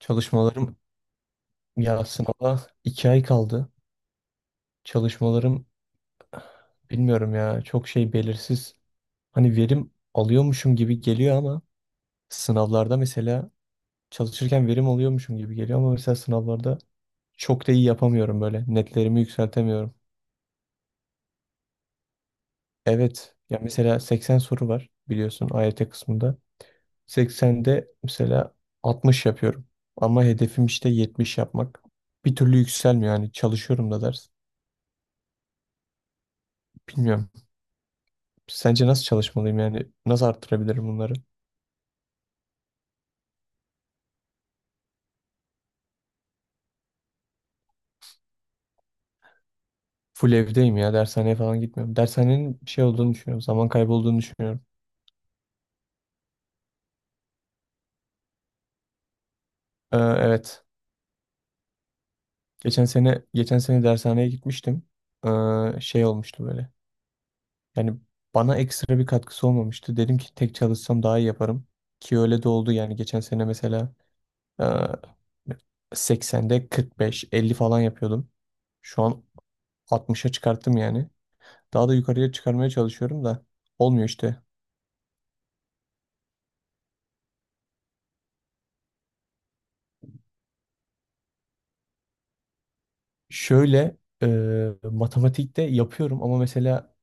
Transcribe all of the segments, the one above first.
Çalışmalarım, ya sınava iki ay kaldı. Çalışmalarım, bilmiyorum ya, çok şey belirsiz. Hani verim alıyormuşum gibi geliyor ama sınavlarda mesela, çalışırken verim alıyormuşum gibi geliyor ama mesela sınavlarda çok da iyi yapamıyorum böyle. Netlerimi yükseltemiyorum. Evet ya, mesela 80 soru var, biliyorsun, AYT kısmında. 80'de mesela 60 yapıyorum. Ama hedefim işte 70 yapmak. Bir türlü yükselmiyor yani, çalışıyorum da ders. Bilmiyorum. Sence nasıl çalışmalıyım yani? Nasıl arttırabilirim bunları? Full evdeyim ya. Dershaneye falan gitmiyorum. Dershanenin bir şey olduğunu düşünüyorum. Zaman kaybı olduğunu düşünüyorum. Evet. Geçen sene dershaneye gitmiştim. Şey olmuştu böyle. Yani bana ekstra bir katkısı olmamıştı. Dedim ki tek çalışsam daha iyi yaparım. Ki öyle de oldu yani. Geçen sene mesela e, 80'de 45, 50 falan yapıyordum. Şu an 60'a çıkarttım yani. Daha da yukarıya çıkarmaya çalışıyorum da olmuyor işte. Şöyle, e, matematikte yapıyorum ama mesela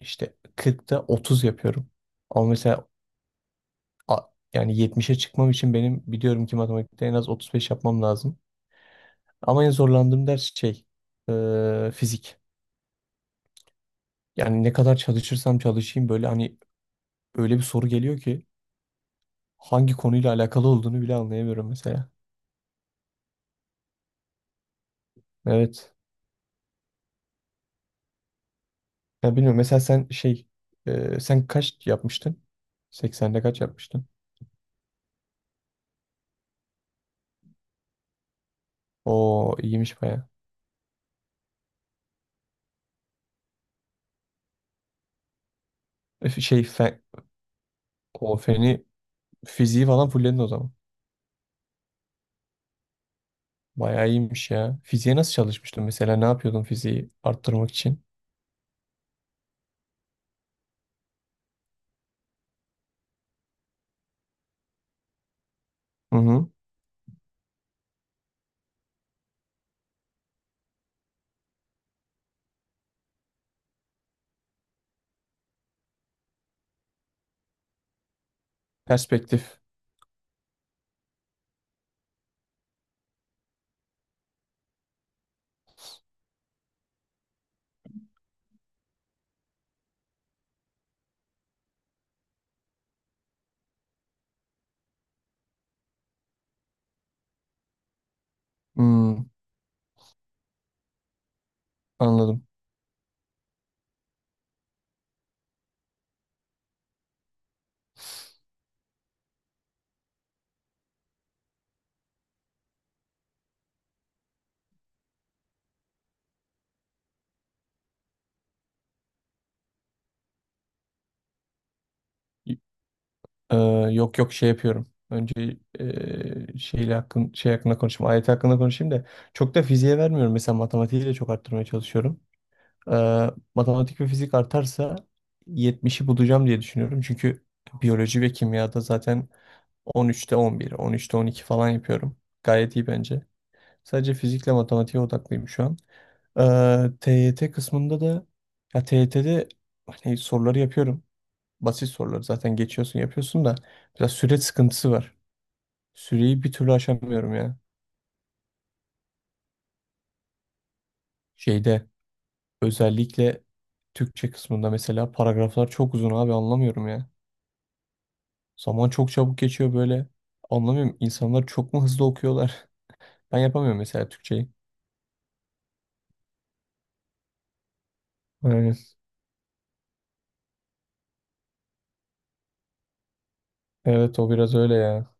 işte 40'ta 30 yapıyorum. Ama mesela a- yani 70'e çıkmam için benim, biliyorum ki, matematikte en az 35 yapmam lazım. Ama en zorlandığım ders şey, fizik. Yani ne kadar çalışırsam çalışayım, böyle hani öyle bir soru geliyor ki hangi konuyla alakalı olduğunu bile anlayamıyorum mesela. Evet. Ya, bilmiyorum, mesela sen şey, sen kaç yapmıştın? 80'de kaç yapmıştın? O iyiymiş bayağı. Öf, şey, fen, o feni, fiziği falan fulledin o zaman. Bayağı iyiymiş ya. Fiziğe nasıl çalışmıştın mesela? Ne yapıyordun fiziği arttırmak için? Hı hı. Perspektif. Hmm, anladım. Y- Ee, Yok yok, şey yapıyorum. Önce şey hakkında konuşayım. Ayet hakkında konuşayım da çok da fiziğe vermiyorum. Mesela matematiği de çok arttırmaya çalışıyorum. Matematik ve fizik artarsa 70'i bulacağım diye düşünüyorum. Çünkü biyoloji ve kimyada zaten 13'te 11, 13'te 12 falan yapıyorum. Gayet iyi bence. Sadece fizikle matematiğe odaklıyım şu an. TYT kısmında da, ya, TYT'de hani soruları yapıyorum. Basit soruları zaten geçiyorsun, yapıyorsun da biraz süre sıkıntısı var. Süreyi bir türlü aşamıyorum ya. Şeyde, özellikle Türkçe kısmında, mesela paragraflar çok uzun abi, anlamıyorum ya. Zaman çok çabuk geçiyor böyle. Anlamıyorum, insanlar çok mu hızlı okuyorlar? Ben yapamıyorum mesela Türkçeyi. Aynen. Evet, o biraz öyle ya.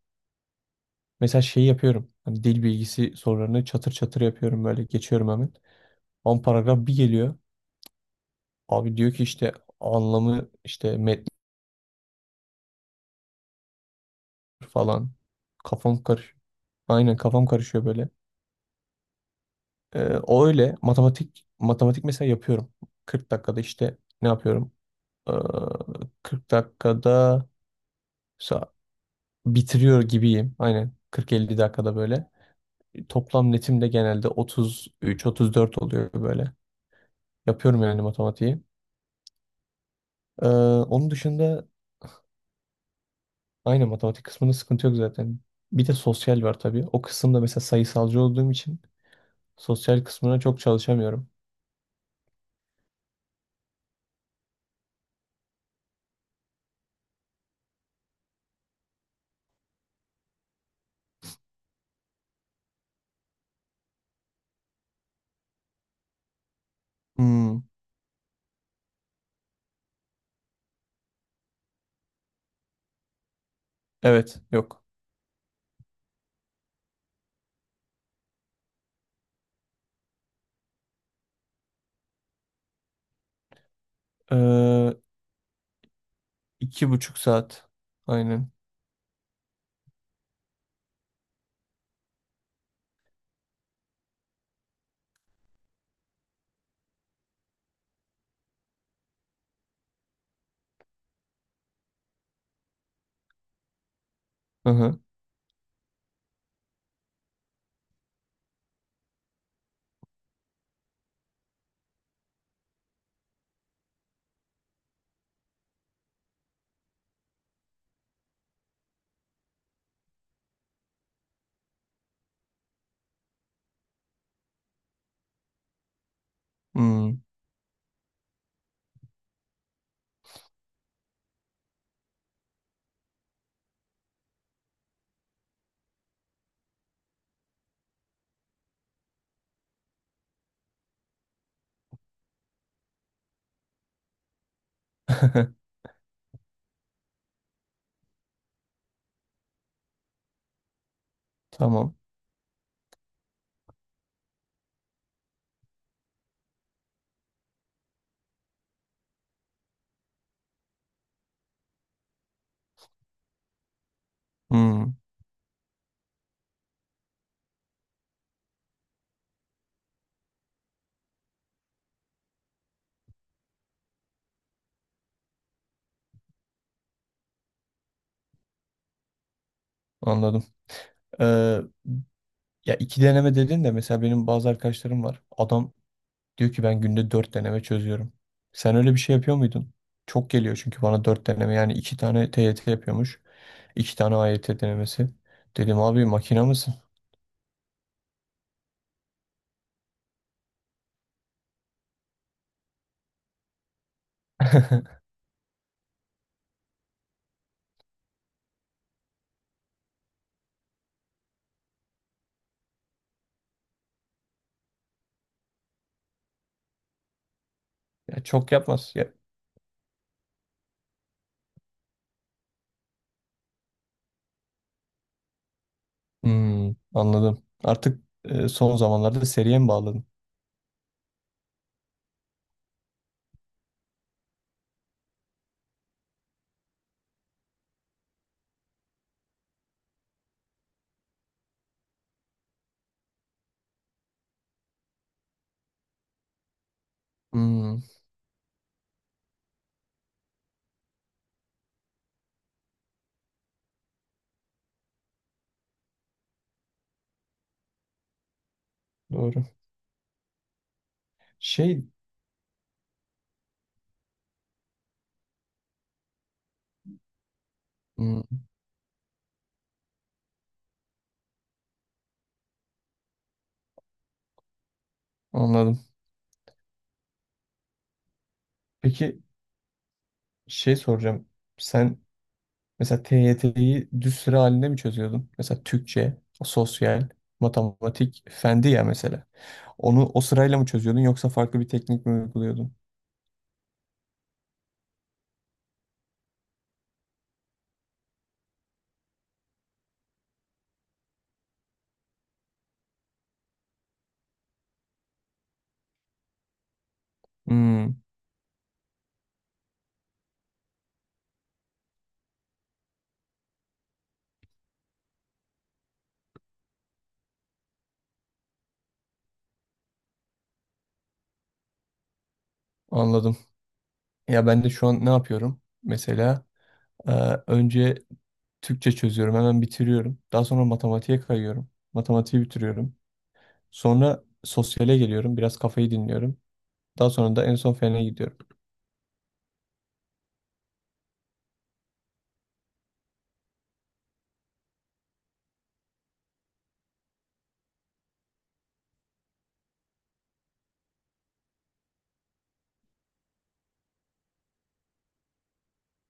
Mesela şeyi yapıyorum. Hani dil bilgisi sorularını çatır çatır yapıyorum, böyle geçiyorum hemen. 10 paragraf bir geliyor. Abi diyor ki işte anlamı, işte metni falan. Kafam karışıyor. Aynen, kafam karışıyor böyle. O öyle, matematik mesela yapıyorum. 40 dakikada işte ne yapıyorum? Ee, 40 dakikada sa- bitiriyor gibiyim. Aynen 40-50 dakikada böyle. Toplam netim de genelde 33-34 oluyor böyle. Yapıyorum yani matematiği. Onun dışında aynı matematik kısmında sıkıntı yok zaten. Bir de sosyal var tabii. O kısımda mesela, sayısalcı olduğum için, sosyal kısmına çok çalışamıyorum. Hmm, evet, yok. Ee, iki buçuk saat. Aynen. Hı hı. Hmm. Tamam. Hmm. Anladım. Ee, Ya, iki deneme dedin de mesela benim bazı arkadaşlarım var. Adam diyor ki ben günde dört deneme çözüyorum. Sen öyle bir şey yapıyor muydun? Çok geliyor çünkü bana dört deneme, yani iki tane TYT yapıyormuş. İki tane AYT denemesi. Dedim abi makina mısın? Ya çok yapmaz. Ya, hmm, anladım. Artık son zamanlarda seriye mi bağladın? Hmm, doğru. Şey, hmm, anladım. Peki, şey soracağım. Sen mesela TYT'yi düz sıra halinde mi çözüyordun? Mesela Türkçe, sosyal, matematik, fendi ya mesela. Onu o sırayla mı çözüyordun yoksa farklı bir teknik mi uyguluyordun? Hmm, anladım. Ya ben de şu an ne yapıyorum? Mesela, Ee, önce Türkçe çözüyorum, hemen bitiriyorum. Daha sonra matematiğe kayıyorum. Matematiği bitiriyorum. Sonra sosyale geliyorum, biraz kafayı dinliyorum. Daha sonra da en son fene gidiyorum.